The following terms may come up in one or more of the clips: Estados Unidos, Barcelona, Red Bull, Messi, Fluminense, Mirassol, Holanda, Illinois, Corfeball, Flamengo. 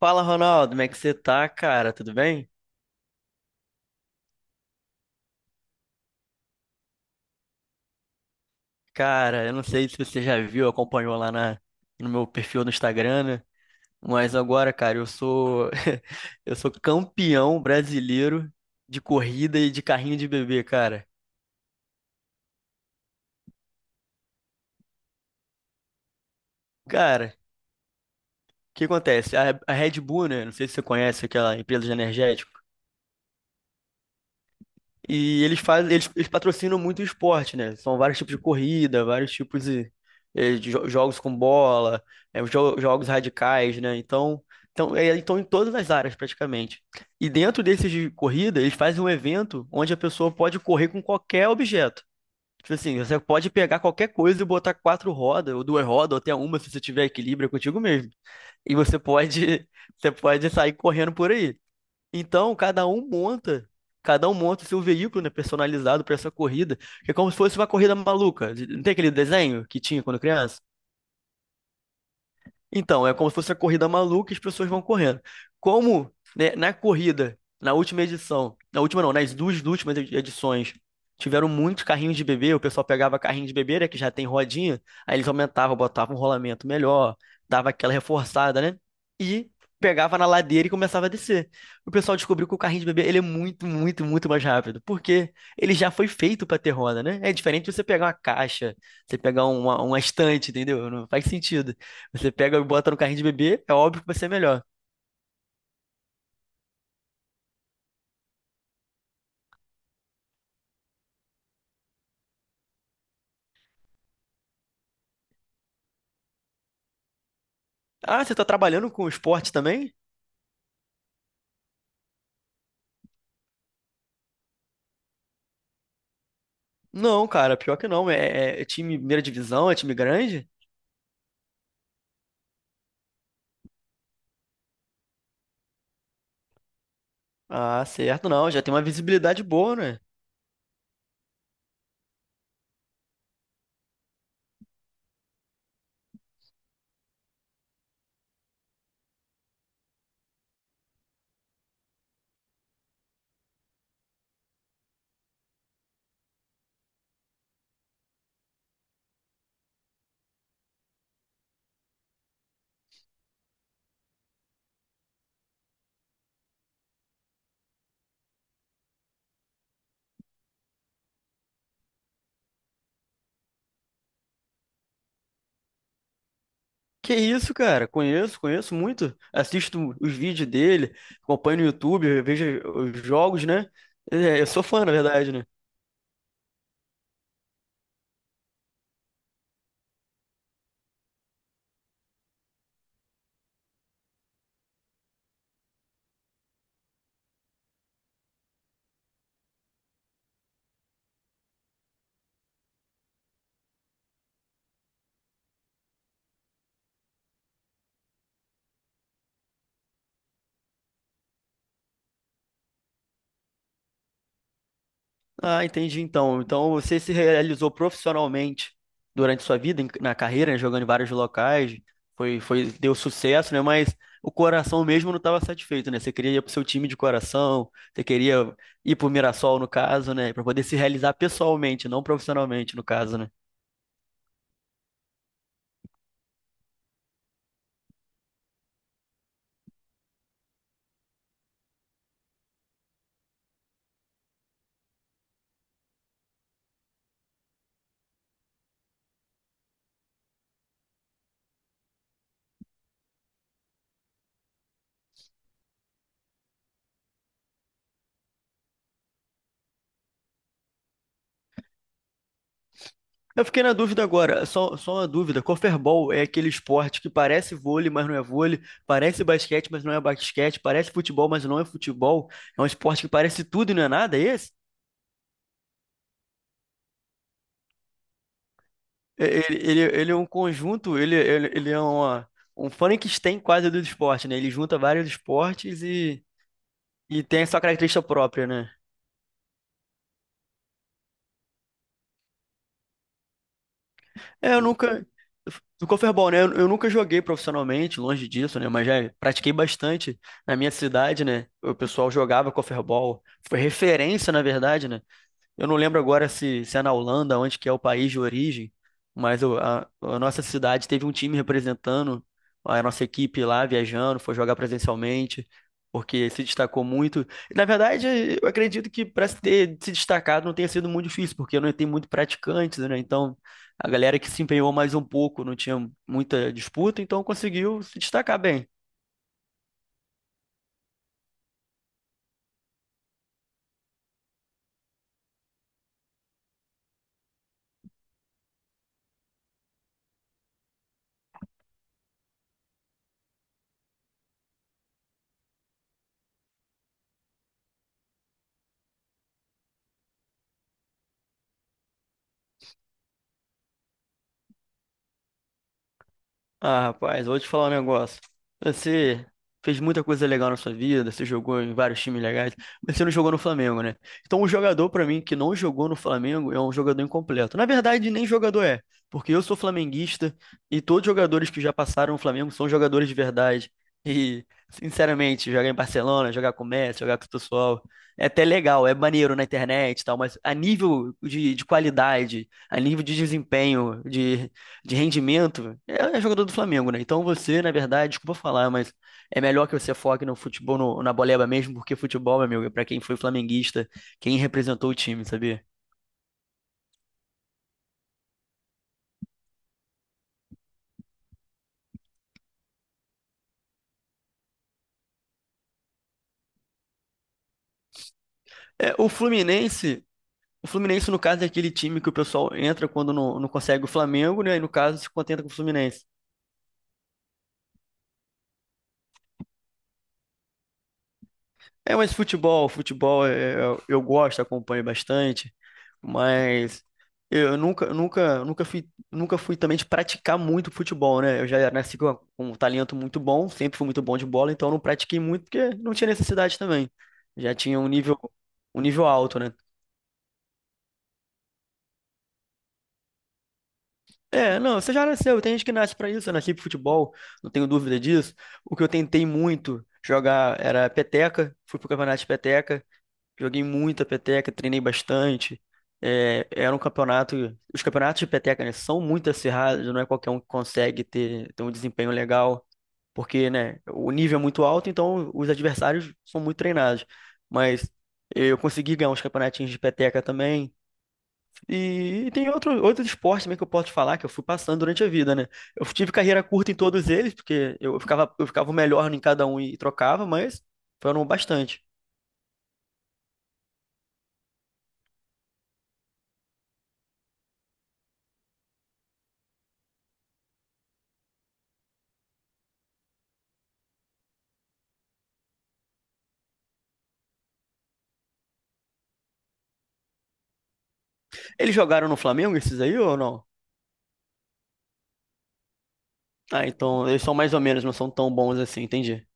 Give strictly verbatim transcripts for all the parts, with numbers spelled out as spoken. Fala, Ronaldo, como é que você tá, cara? Tudo bem? Cara, eu não sei se você já viu, acompanhou lá na, no meu perfil no Instagram, né? Mas agora, cara, eu sou eu sou campeão brasileiro de corrida e de carrinho de bebê, cara. Cara, o que acontece? A, a Red Bull, né? Não sei se você conhece aquela empresa de energético. E eles fazem, eles, eles patrocinam muito o esporte, né? São vários tipos de corrida, vários tipos de, eh, de jo- jogos com bola, eh, jo- jogos radicais, né? Então, então, é, então, em todas as áreas praticamente. E dentro desses de corrida, eles fazem um evento onde a pessoa pode correr com qualquer objeto. Tipo assim, você pode pegar qualquer coisa e botar quatro rodas, ou duas rodas, ou até uma, se você tiver equilíbrio, é contigo mesmo. E você pode, você pode sair correndo por aí. Então, cada um monta, cada um monta o seu veículo, né, personalizado para essa corrida, que é como se fosse uma corrida maluca. Não tem aquele desenho que tinha quando criança? Então, é como se fosse a corrida maluca e as pessoas vão correndo. Como, né, na corrida, na última edição, na última não, nas duas últimas edi- edições, tiveram muitos carrinhos de bebê, o pessoal pegava carrinho de bebê, né, que já tem rodinha, aí eles aumentavam, botavam um rolamento melhor, dava aquela reforçada, né? E pegava na ladeira e começava a descer. O pessoal descobriu que o carrinho de bebê, ele é muito, muito, muito mais rápido, porque ele já foi feito para ter roda, né? É diferente de você pegar uma caixa, você pegar uma, uma estante, entendeu? Não faz sentido. Você pega e bota no carrinho de bebê, é óbvio que vai ser melhor. Ah, você tá trabalhando com esporte também? Não, cara, pior que não. É, é é time primeira divisão, é time grande? Ah, certo, não. Já tem uma visibilidade boa, né? Que isso, cara? Conheço, conheço muito. Assisto os vídeos dele, acompanho no YouTube, vejo os jogos, né? É, eu sou fã, na verdade, né? Ah, entendi então. Então você se realizou profissionalmente durante sua vida, em- na carreira, né, jogando em vários locais, foi, foi, deu sucesso, né? Mas o coração mesmo não estava satisfeito, né? Você queria ir pro seu time de coração, você queria ir pro Mirassol, no caso, né? Para poder se realizar pessoalmente, não profissionalmente, no caso, né? Eu fiquei na dúvida agora, só, só uma dúvida. Corfebol é aquele esporte que parece vôlei, mas não é vôlei, parece basquete, mas não é basquete, parece futebol, mas não é futebol. É um esporte que parece tudo e não é nada, é esse? É, ele, ele, ele é um conjunto, ele, ele, ele é uma, um Frankenstein quase do esporte, né? Ele junta vários esportes e, e tem a sua característica própria, né? É, eu nunca. Do Corfeball, né? Eu, eu nunca joguei profissionalmente, longe disso, né? Mas já pratiquei bastante na minha cidade, né? O pessoal jogava Corfeball, foi referência, na verdade, né? Eu não lembro agora se, se é na Holanda, onde que é o país de origem, mas o- a, a nossa cidade teve um time representando a nossa equipe lá, viajando, foi jogar presencialmente, porque se destacou muito. E, na verdade, eu acredito que para se ter se destacado não tenha sido muito difícil, porque não tem muito praticantes, né? Então, a galera que se empenhou mais um pouco não tinha muita disputa, então conseguiu se destacar bem. Ah, rapaz, vou te falar um negócio. Você fez muita coisa legal na sua vida, você jogou em vários times legais, mas você não jogou no Flamengo, né? Então, um jogador, pra mim, que não jogou no Flamengo é um jogador incompleto. Na verdade, nem jogador é, porque eu sou flamenguista e todos os jogadores que já passaram no Flamengo são jogadores de verdade. E, sinceramente, jogar em Barcelona, jogar com o Messi, jogar com o pessoal, é até legal, é maneiro na internet e tal, mas a nível de, de qualidade, a nível de desempenho, de de rendimento, é é jogador do Flamengo, né? Então você, na verdade, desculpa falar, mas é melhor que você foque no futebol, no- na boleba mesmo, porque futebol, meu amigo, é pra quem foi flamenguista, quem representou o time, sabia? É, o Fluminense, o Fluminense, no caso, é aquele time que o pessoal entra quando não, não consegue o Flamengo, né? E no caso, se contenta com o Fluminense. É, mas futebol, futebol, é- é- eu gosto, acompanho bastante. Mas eu nunca, eu nunca, nunca fui, nunca fui também de praticar muito futebol, né? Eu já nasci com, com um talento muito bom, sempre fui muito bom de bola, então eu não pratiquei muito porque não tinha necessidade também. Já tinha um nível, um nível alto, né? É, não, você já nasceu, tem gente que nasce pra isso, eu nasci pro futebol, não tenho dúvida disso. O que eu tentei muito jogar era peteca, fui pro campeonato de peteca. Joguei muita peteca, treinei bastante. É, era um campeonato. Os campeonatos de peteca, né, são muito acirrados, não é qualquer um que consegue ter, ter um desempenho legal, porque, né, o nível é muito alto, então os adversários são muito treinados. Mas eu consegui ganhar uns campeonatinhos de peteca também. E, e tem outro, outros esportes também que eu posso te falar que eu fui passando durante a vida, né? Eu tive carreira curta em todos eles, porque eu ficava, eu ficava o melhor em cada um e trocava, mas foram bastante. Eles jogaram no Flamengo, esses aí, ou não? Ah, então eles são mais ou menos, não são tão bons assim, entendi.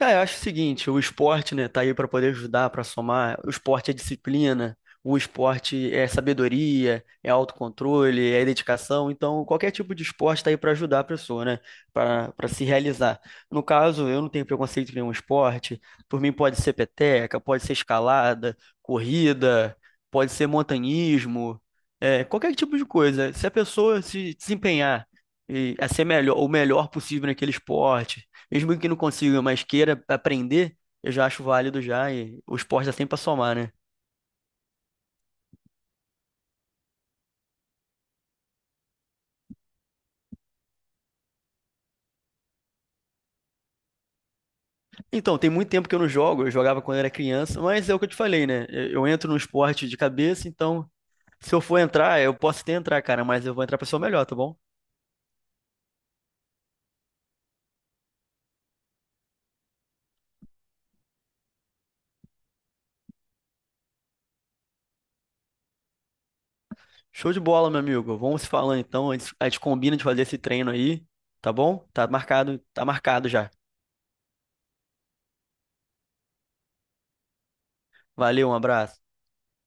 Ah, eu acho o seguinte, o esporte, né, tá aí para poder ajudar, para somar. O esporte é disciplina, o esporte é sabedoria, é autocontrole, é dedicação. Então, qualquer tipo de esporte tá aí para ajudar a pessoa, né, para para se realizar. No caso, eu não tenho preconceito com nenhum esporte. Por mim, pode ser peteca, pode ser escalada, corrida, pode ser montanhismo, é, qualquer tipo de coisa. Se a pessoa se desempenhar e a ser melhor, o melhor possível naquele esporte mesmo que não consiga, mas queira aprender, eu já acho válido já. E o esporte dá sempre pra somar, né? Então, tem muito tempo que eu não jogo. Eu jogava quando era criança, mas é o que eu te falei, né? Eu eu entro no esporte de cabeça, então se eu for entrar, eu posso até entrar, cara, mas eu vou entrar pra ser o melhor, tá bom? Show de bola, meu amigo. Vamos se falando então. A gente a gente combina de fazer esse treino aí, tá bom? Tá marcado, tá marcado já. Valeu, um abraço.